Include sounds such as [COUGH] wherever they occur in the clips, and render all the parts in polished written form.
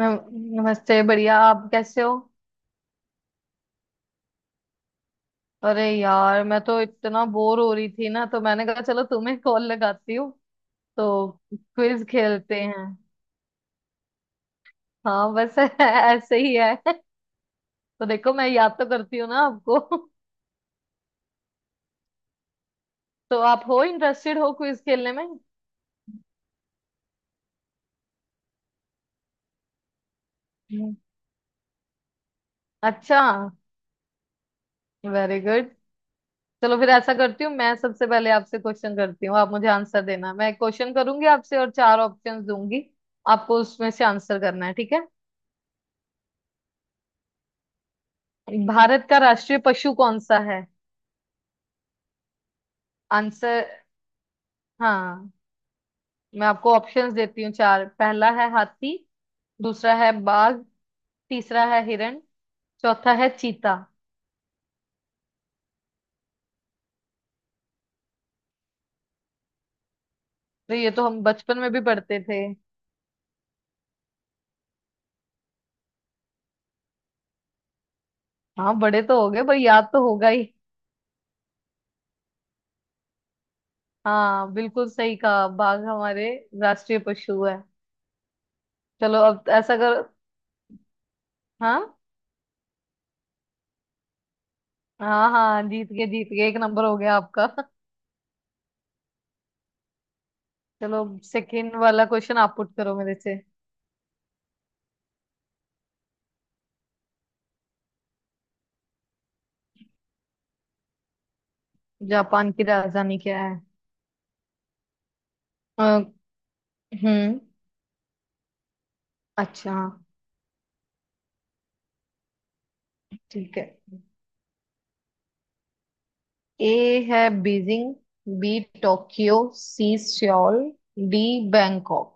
नम- नमस्ते। बढ़िया, आप कैसे हो? अरे यार, मैं तो इतना बोर हो रही थी ना, तो मैंने कहा चलो तुम्हें कॉल लगाती हूँ। तो क्विज खेलते हैं? हाँ, बस [LAUGHS] ऐसे ही है। तो देखो, मैं याद तो करती हूँ ना आपको। [LAUGHS] तो आप हो? इंटरेस्टेड हो क्विज खेलने में? हम्म। अच्छा, वेरी गुड। चलो फिर ऐसा करती हूँ, मैं सबसे पहले आपसे क्वेश्चन करती हूँ, आप मुझे आंसर देना। मैं क्वेश्चन करूंगी आपसे और चार ऑप्शंस दूंगी, आपको उसमें से आंसर करना है। ठीक है? भारत का राष्ट्रीय पशु कौन सा है? आंसर। हाँ, मैं आपको ऑप्शंस देती हूँ चार। पहला है हाथी, दूसरा है बाघ, तीसरा है हिरण, चौथा है चीता। तो ये तो हम बचपन में भी पढ़ते थे। हाँ, बड़े तो हो गए पर याद तो होगा ही। हाँ, बिल्कुल सही कहा। बाघ हमारे राष्ट्रीय पशु है। चलो अब ऐसा करो। हाँ। हाँ, हाँ, जीत गए, जीत गए, एक नंबर हो गया आपका। [LAUGHS] चलो, सेकंड वाला क्वेश्चन आप पुट करो मेरे से। जापान की राजधानी क्या है? हम्म। अच्छा। ठीक है। ए है Beijing, B Tokyo, C Seoul, D Bangkok.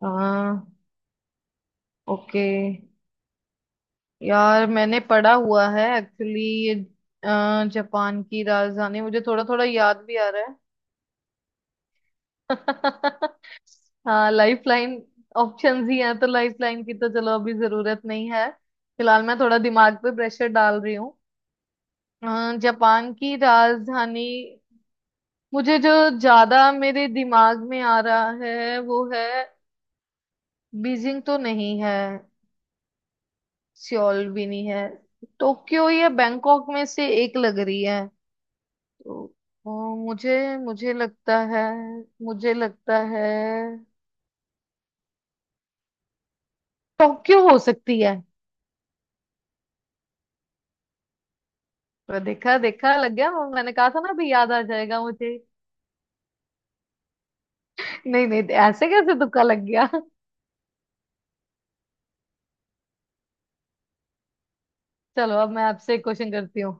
आ, ओके। यार, मैंने पढ़ा हुआ है एक्चुअली ये। जापान की राजधानी मुझे थोड़ा थोड़ा याद भी आ रहा है। [LAUGHS] हाँ, लाइफ लाइन ऑप्शन ही हैं, तो लाइफ लाइन की तो चलो अभी जरूरत नहीं है। फिलहाल मैं थोड़ा दिमाग पे प्रेशर डाल रही हूँ। जापान की राजधानी मुझे जो ज्यादा मेरे दिमाग में आ रहा है वो है। बीजिंग तो नहीं है, सियोल भी नहीं है, टोक्यो या बैंकॉक में से एक लग रही है। तो मुझे मुझे लगता है, मुझे लगता है टोक्यो हो सकती है। तो देखा देखा लग गया। मैंने कहा था ना भी याद आ जाएगा मुझे। [LAUGHS] नहीं, नहीं, ऐसे कैसे तुक्का लग गया? चलो अब मैं आपसे क्वेश्चन करती हूँ।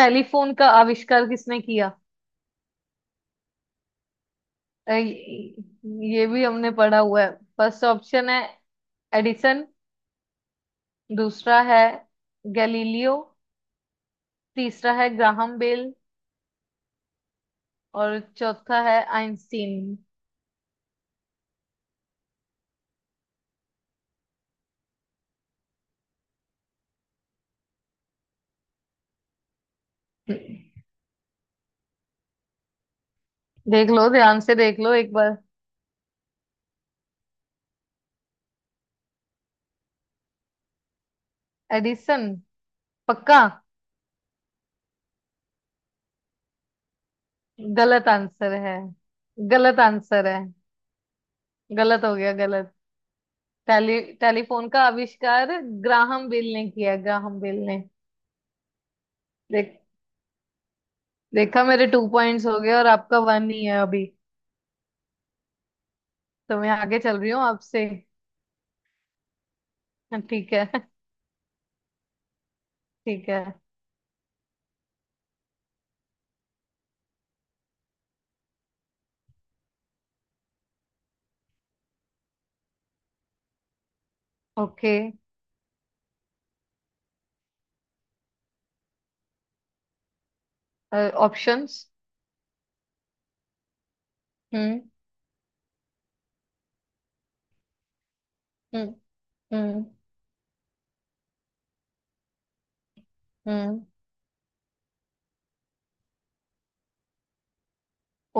टेलीफोन का आविष्कार किसने किया? ये ये भी हमने पढ़ा हुआ है। फर्स्ट ऑप्शन है एडिसन, दूसरा है गैलीलियो, तीसरा है ग्राहम बेल, और चौथा है आइंस्टीन। देख लो, ध्यान से देख लो एक बार। एडिसन? पक्का? गलत आंसर है, गलत आंसर है। गलत हो गया, गलत। टेली टेलीफोन का आविष्कार ग्राहम बेल ने किया, ग्राहम बेल ने। देख, देखा, मेरे टू पॉइंट्स हो गए और आपका वन ही है अभी। तो मैं आगे चल रही हूँ आपसे। हाँ, ठीक है। ठीक है। Okay. Options. Hmm. Hmm. Hmm. Hmm.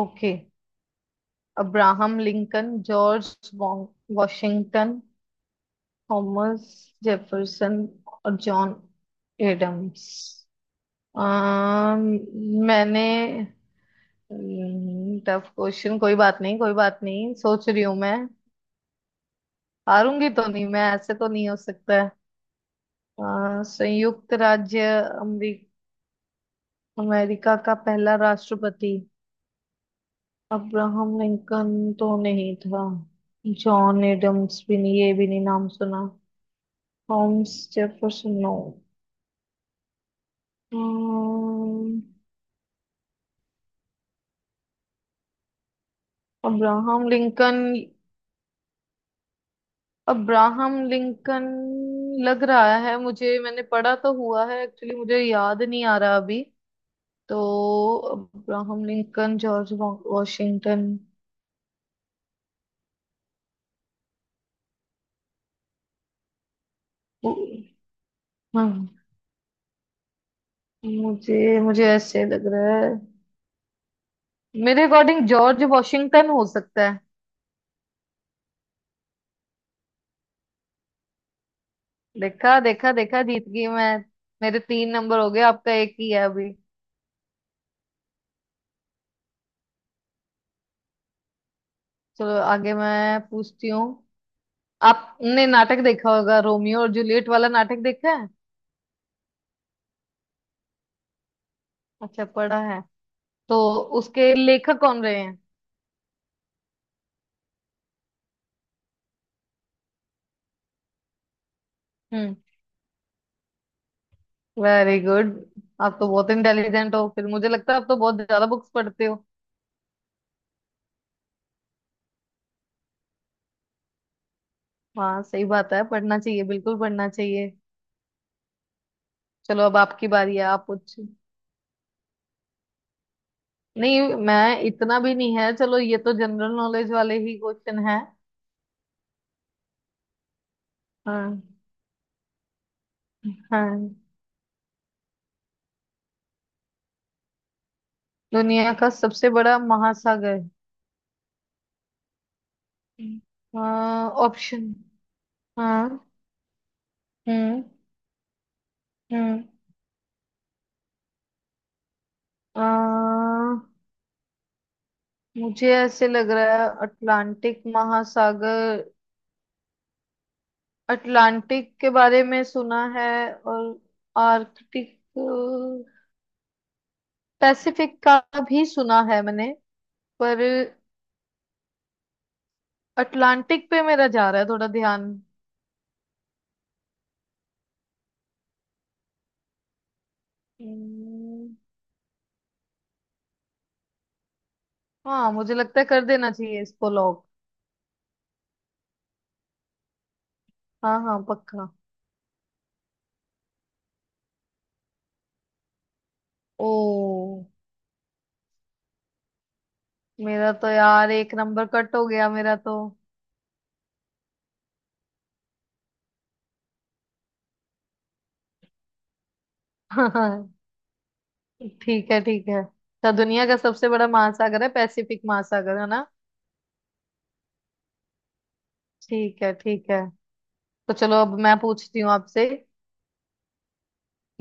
Okay. Abraham Lincoln, George Washington, Thomas Jefferson, और जॉन एडम्स। अम, मैंने टफ क्वेश्चन, कोई बात नहीं, कोई बात नहीं, सोच रही हूँ मैं। हारूंगी तो नहीं मैं, ऐसे तो नहीं हो सकता है। संयुक्त राज्य अमेरिका अमेरिका का पहला राष्ट्रपति। अब्राहम लिंकन तो नहीं था, जॉन एडम्स भी नहीं, ये भी नहीं नाम सुना, Thomas Jefferson no. Hmm, Abraham Lincoln. Abraham Lincoln लग रहा है मुझे। मैंने पढ़ा तो हुआ है एक्चुअली, मुझे याद नहीं आ रहा अभी। तो अब्राहम लिंकन, जॉर्ज वॉशिंगटन। उ- हाँ, मुझे मुझे ऐसे लग रहा है, मेरे अकॉर्डिंग जॉर्ज वॉशिंगटन हो सकता है। देखा, देखा, देखा, जीत गई मैं। मेरे तीन नंबर हो गए, आपका एक ही है अभी। चलो आगे मैं पूछती हूँ। आपने नाटक देखा होगा रोमियो और जूलियट वाला, नाटक देखा है? अच्छा, पढ़ा है। तो उसके लेखक कौन रहे हैं? हम्म। Very good. आप तो बहुत इंटेलिजेंट हो। फिर मुझे लगता है आप तो बहुत ज्यादा बुक्स पढ़ते हो। हाँ, सही बात है, पढ़ना चाहिए, बिल्कुल पढ़ना चाहिए। चलो, अब आपकी बारी है, आप पूछ। नहीं, मैं इतना भी नहीं है। चलो ये तो जनरल नॉलेज वाले ही क्वेश्चन है। हाँ। हाँ, दुनिया का सबसे बड़ा महासागर। हम्म। ऑप्शन। हाँ। हम्म। हम्म। अ, मुझे ऐसे लग रहा है अटलांटिक महासागर। अटलांटिक के बारे में सुना है, और आर्कटिक, पैसिफिक का भी सुना है मैंने, पर अटलांटिक पे मेरा जा रहा है थोड़ा ध्यान। हम्म, हाँ, मुझे लगता है कर देना चाहिए इसको लॉक। हाँ, हाँ, पक्का। ओ, मेरा तो यार एक नंबर कट हो गया मेरा तो। [LAUGHS] ठीक है, ठीक है। तो दुनिया का सबसे बड़ा महासागर है पैसिफिक महासागर, है ना? ठीक है, ठीक है। तो चलो अब मैं पूछती हूँ आपसे।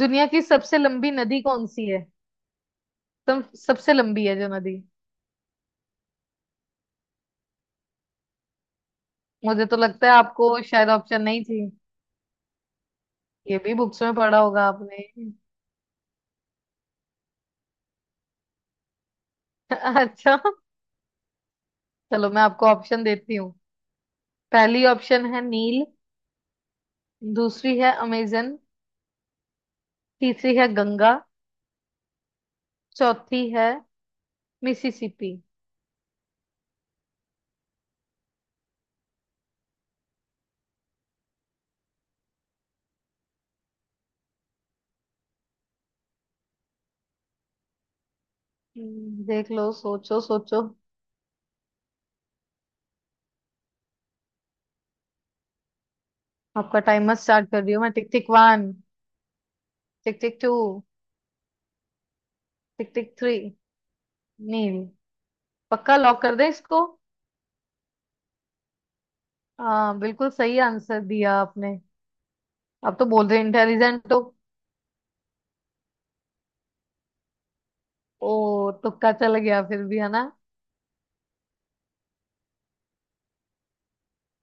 दुनिया की सबसे लंबी नदी कौन सी है? तुम सबसे लंबी है जो नदी। मुझे तो लगता है आपको शायद ऑप्शन नहीं चाहिए, ये भी बुक्स में पढ़ा होगा आपने। [LAUGHS] अच्छा, चलो मैं आपको ऑप्शन देती हूँ। पहली ऑप्शन है नील, दूसरी है अमेजन, तीसरी है गंगा, चौथी है मिसिसिपी। देख लो, सोचो, सोचो। आपका टाइमर स्टार्ट कर रही हूँ मैं। Tick tick one, tick tick two, tick tick three. नील? पक्का? लॉक कर दें इसको? हाँ, बिल्कुल सही आंसर दिया आपने। अब तो बोल रहे इंटेलिजेंट हो। ओ, तुक्का चल गया फिर भी, है ना?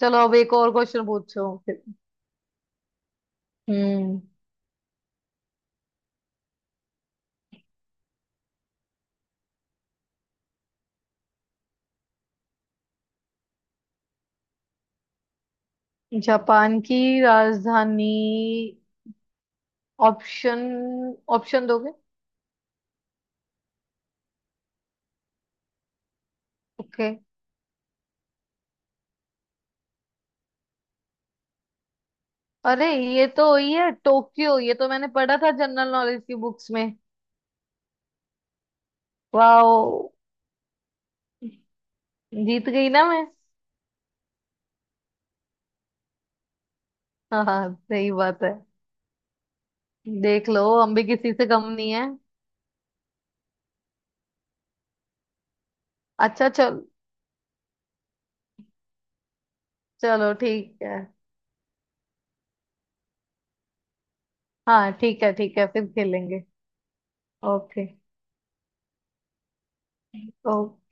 चलो अब एक और क्वेश्चन पूछो फिर। हम्म। जापान की राजधानी। ऑप्शन। ऑप्शन दोगे? ओके। अरे, ये तो वही है, टोक्यो। ये तो मैंने पढ़ा था जनरल नॉलेज की बुक्स में। वाह। जीत गई ना मैं? हाँ, हाँ, सही बात है। देख लो हम भी किसी से कम नहीं है। अच्छा, चल। चलो ठीक है। हाँ, ठीक है, ठीक है, फिर खेलेंगे। ओके। ओके।